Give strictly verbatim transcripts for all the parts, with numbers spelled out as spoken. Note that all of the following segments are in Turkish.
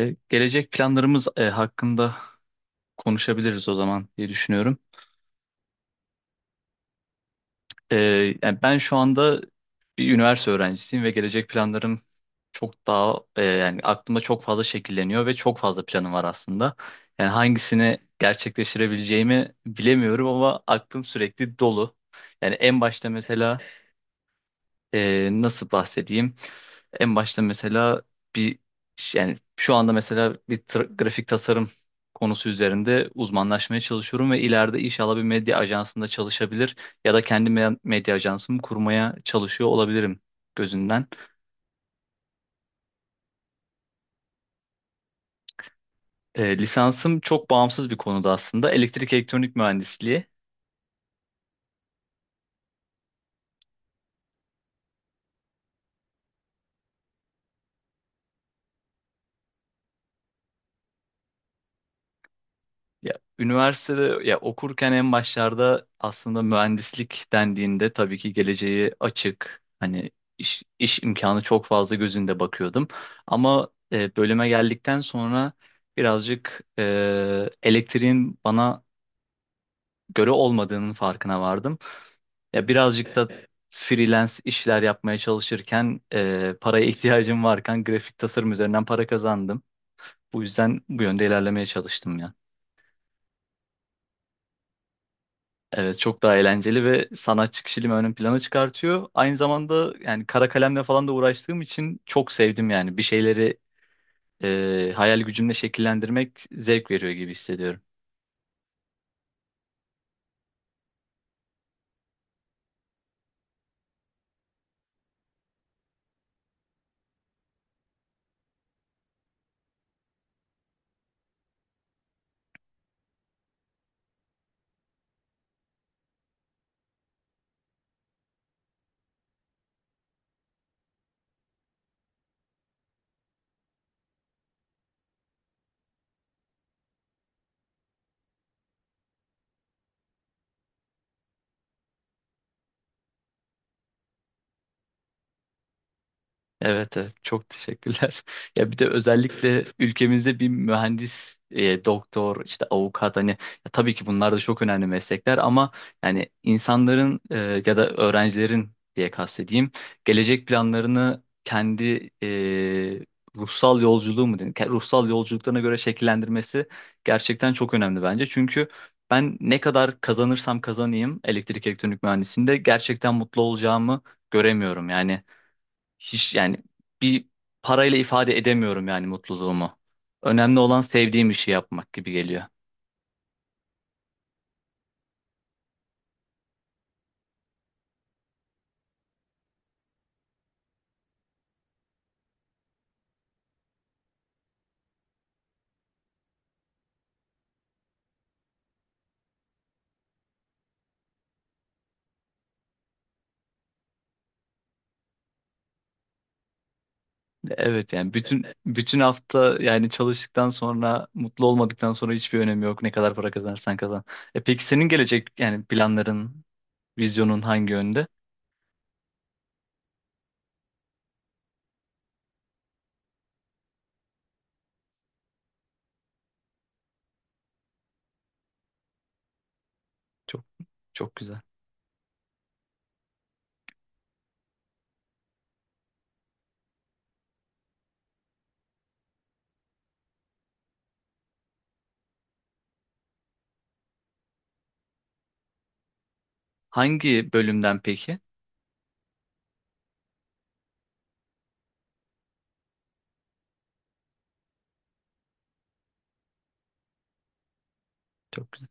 E, gelecek planlarımız e, hakkında konuşabiliriz o zaman diye düşünüyorum. E, Yani ben şu anda bir üniversite öğrencisiyim ve gelecek planlarım çok daha e, yani aklımda çok fazla şekilleniyor ve çok fazla planım var aslında. Yani hangisini gerçekleştirebileceğimi bilemiyorum ama aklım sürekli dolu. Yani en başta mesela e, nasıl bahsedeyim? En başta mesela bir yani şu anda mesela bir tra- grafik tasarım konusu üzerinde uzmanlaşmaya çalışıyorum ve ileride inşallah bir medya ajansında çalışabilir ya da kendi me- medya ajansımı kurmaya çalışıyor olabilirim gözünden. E, lisansım çok bağımsız bir konuda, aslında elektrik elektronik mühendisliği. Ya üniversitede ya okurken en başlarda aslında mühendislik dendiğinde tabii ki geleceği açık, hani iş, iş imkanı çok fazla gözünde bakıyordum. Ama e, bölüme geldikten sonra birazcık e, elektriğin bana göre olmadığının farkına vardım. Ya birazcık da freelance işler yapmaya çalışırken e, paraya ihtiyacım varken grafik tasarım üzerinden para kazandım. Bu yüzden bu yönde ilerlemeye çalıştım ya. Evet, çok daha eğlenceli ve sanatçı kişiliğimi ön plana çıkartıyor. Aynı zamanda yani kara kalemle falan da uğraştığım için çok sevdim yani. Bir şeyleri e, hayal gücümle şekillendirmek zevk veriyor gibi hissediyorum. Evet, evet, çok teşekkürler. Ya bir de özellikle ülkemizde bir mühendis, e, doktor, işte avukat, hani ya tabii ki bunlar da çok önemli meslekler ama yani insanların e, ya da öğrencilerin diye kastedeyim, gelecek planlarını kendi e, ruhsal yolculuğu mu denir? Ke- Ruhsal yolculuklarına göre şekillendirmesi gerçekten çok önemli bence. Çünkü ben ne kadar kazanırsam kazanayım, elektrik elektronik mühendisliğinde gerçekten mutlu olacağımı göremiyorum. Yani hiç, yani bir parayla ifade edemiyorum yani mutluluğumu. Önemli olan sevdiğim işi yapmak gibi geliyor. Evet, yani bütün bütün hafta yani çalıştıktan sonra mutlu olmadıktan sonra hiçbir önemi yok. Ne kadar para kazanırsan kazan. E peki senin gelecek yani planların, vizyonun hangi yönde? Çok çok güzel. Hangi bölümden peki? Çok güzel.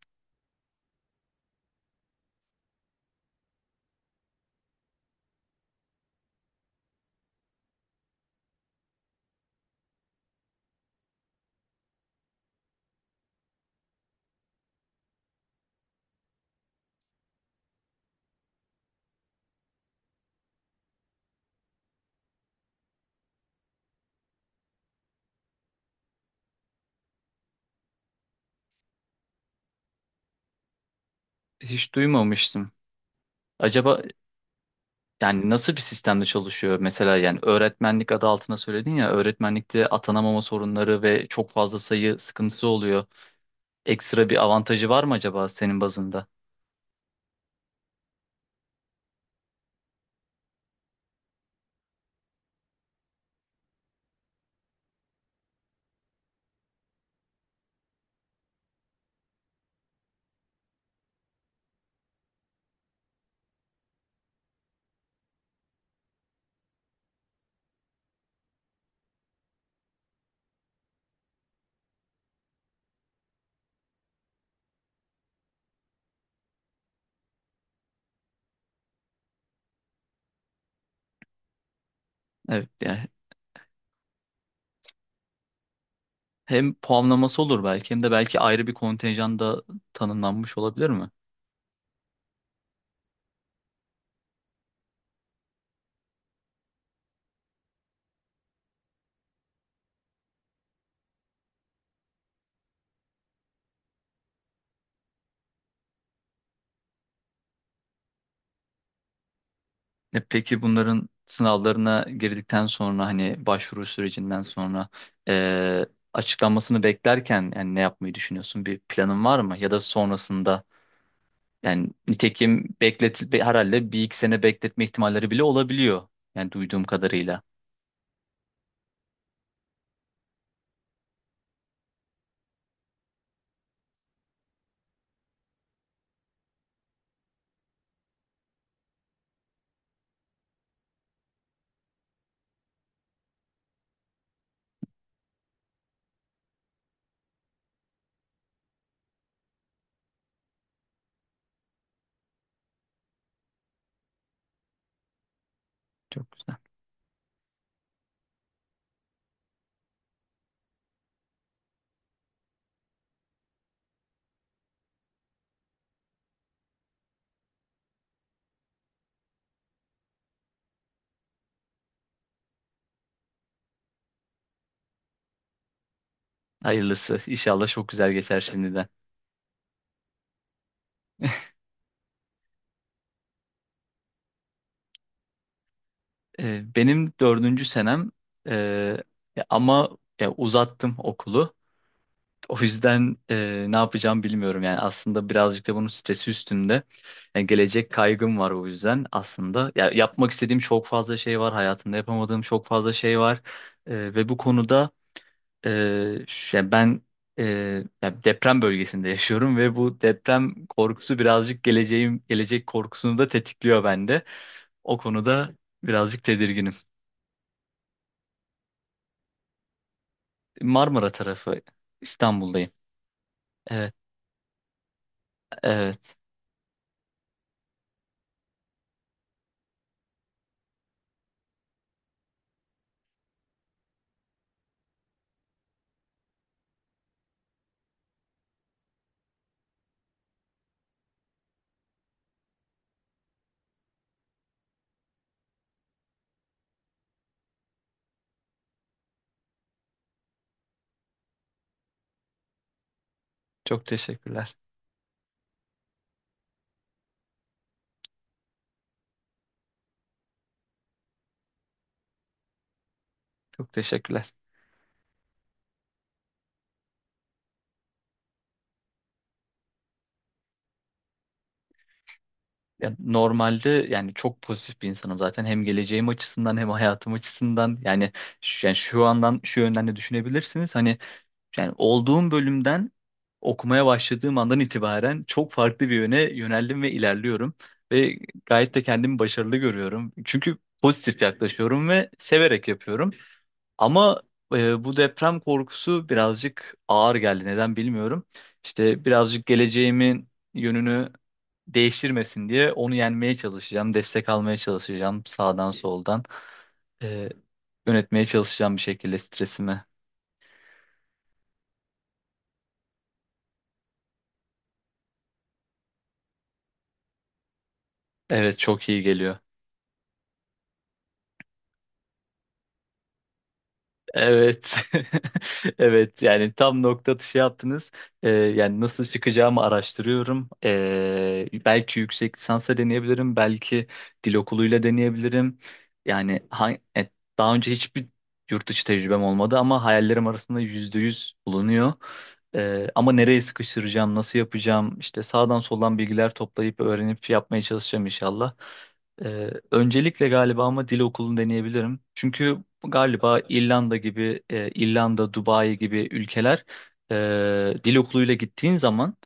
Hiç duymamıştım. Acaba yani nasıl bir sistemde çalışıyor? Mesela yani öğretmenlik adı altına söyledin ya, öğretmenlikte atanamama sorunları ve çok fazla sayı sıkıntısı oluyor. Ekstra bir avantajı var mı acaba senin bazında? Evet yani hem puanlaması olur belki hem de belki ayrı bir kontenjan da tanımlanmış olabilir mi? E peki bunların sınavlarına girdikten sonra hani başvuru sürecinden sonra e, açıklanmasını beklerken yani ne yapmayı düşünüyorsun? Bir planın var mı? Ya da sonrasında yani nitekim bekletil be- herhalde bir iki sene bekletme ihtimalleri bile olabiliyor. Yani duyduğum kadarıyla. Çok Hayırlısı. İnşallah çok güzel geçer şimdiden. Ee, benim dördüncü senem, e, ya ama ya uzattım okulu. O yüzden e, ne yapacağım bilmiyorum. Yani aslında birazcık da bunun stresi üstünde. Yani gelecek kaygım var o yüzden aslında. Ya yapmak istediğim çok fazla şey var. Hayatımda yapamadığım çok fazla şey var. E, ve bu konuda Ee, ş- yani ben e, yani deprem bölgesinde yaşıyorum ve bu deprem korkusu birazcık geleceğim gelecek korkusunu da tetikliyor bende. O konuda birazcık tedirginim. Marmara tarafı, İstanbul'dayım. Evet, evet. Çok teşekkürler. Çok teşekkürler. Ya normalde yani çok pozitif bir insanım zaten, hem geleceğim açısından hem hayatım açısından. Yani şu, yani şu andan şu yönden de düşünebilirsiniz. Hani yani olduğum bölümden okumaya başladığım andan itibaren çok farklı bir yöne yöneldim ve ilerliyorum. Ve gayet de kendimi başarılı görüyorum. Çünkü pozitif yaklaşıyorum ve severek yapıyorum. Ama e, bu deprem korkusu birazcık ağır geldi. Neden bilmiyorum. İşte birazcık geleceğimin yönünü değiştirmesin diye onu yenmeye çalışacağım. Destek almaya çalışacağım sağdan soldan. E, Yönetmeye çalışacağım bir şekilde stresimi. Evet, çok iyi geliyor. Evet. Evet, yani tam nokta atışı yaptınız. Ee, yani nasıl çıkacağımı araştırıyorum. Ee, belki yüksek lisansa deneyebilirim. Belki dil okuluyla deneyebilirim. Yani ha- e, daha önce hiçbir yurt dışı tecrübem olmadı ama hayallerim arasında yüzde yüz bulunuyor. Ee, ama nereye sıkıştıracağım, nasıl yapacağım, işte sağdan soldan bilgiler toplayıp öğrenip yapmaya çalışacağım inşallah. Ee, öncelikle galiba ama dil okulunu deneyebilirim. Çünkü galiba İrlanda gibi, e, İrlanda, Dubai gibi ülkeler e, dil okuluyla gittiğin zaman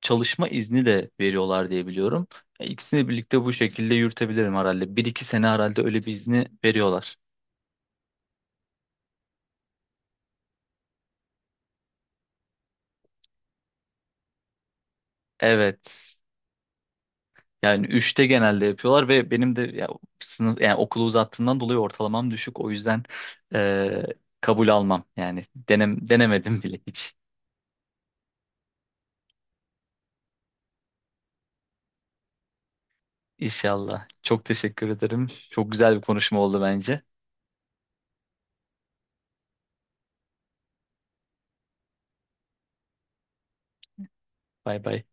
çalışma izni de veriyorlar diye biliyorum. E, İkisini birlikte bu şekilde yürütebilirim herhalde. Bir iki sene herhalde öyle bir izni veriyorlar. Evet. Yani üçte genelde yapıyorlar ve benim de ya, sınıf yani okulu uzattığımdan dolayı ortalamam düşük. O yüzden e, kabul almam. Yani denem, denemedim bile hiç. İnşallah. Çok teşekkür ederim. Çok güzel bir konuşma oldu bence. Bay bay.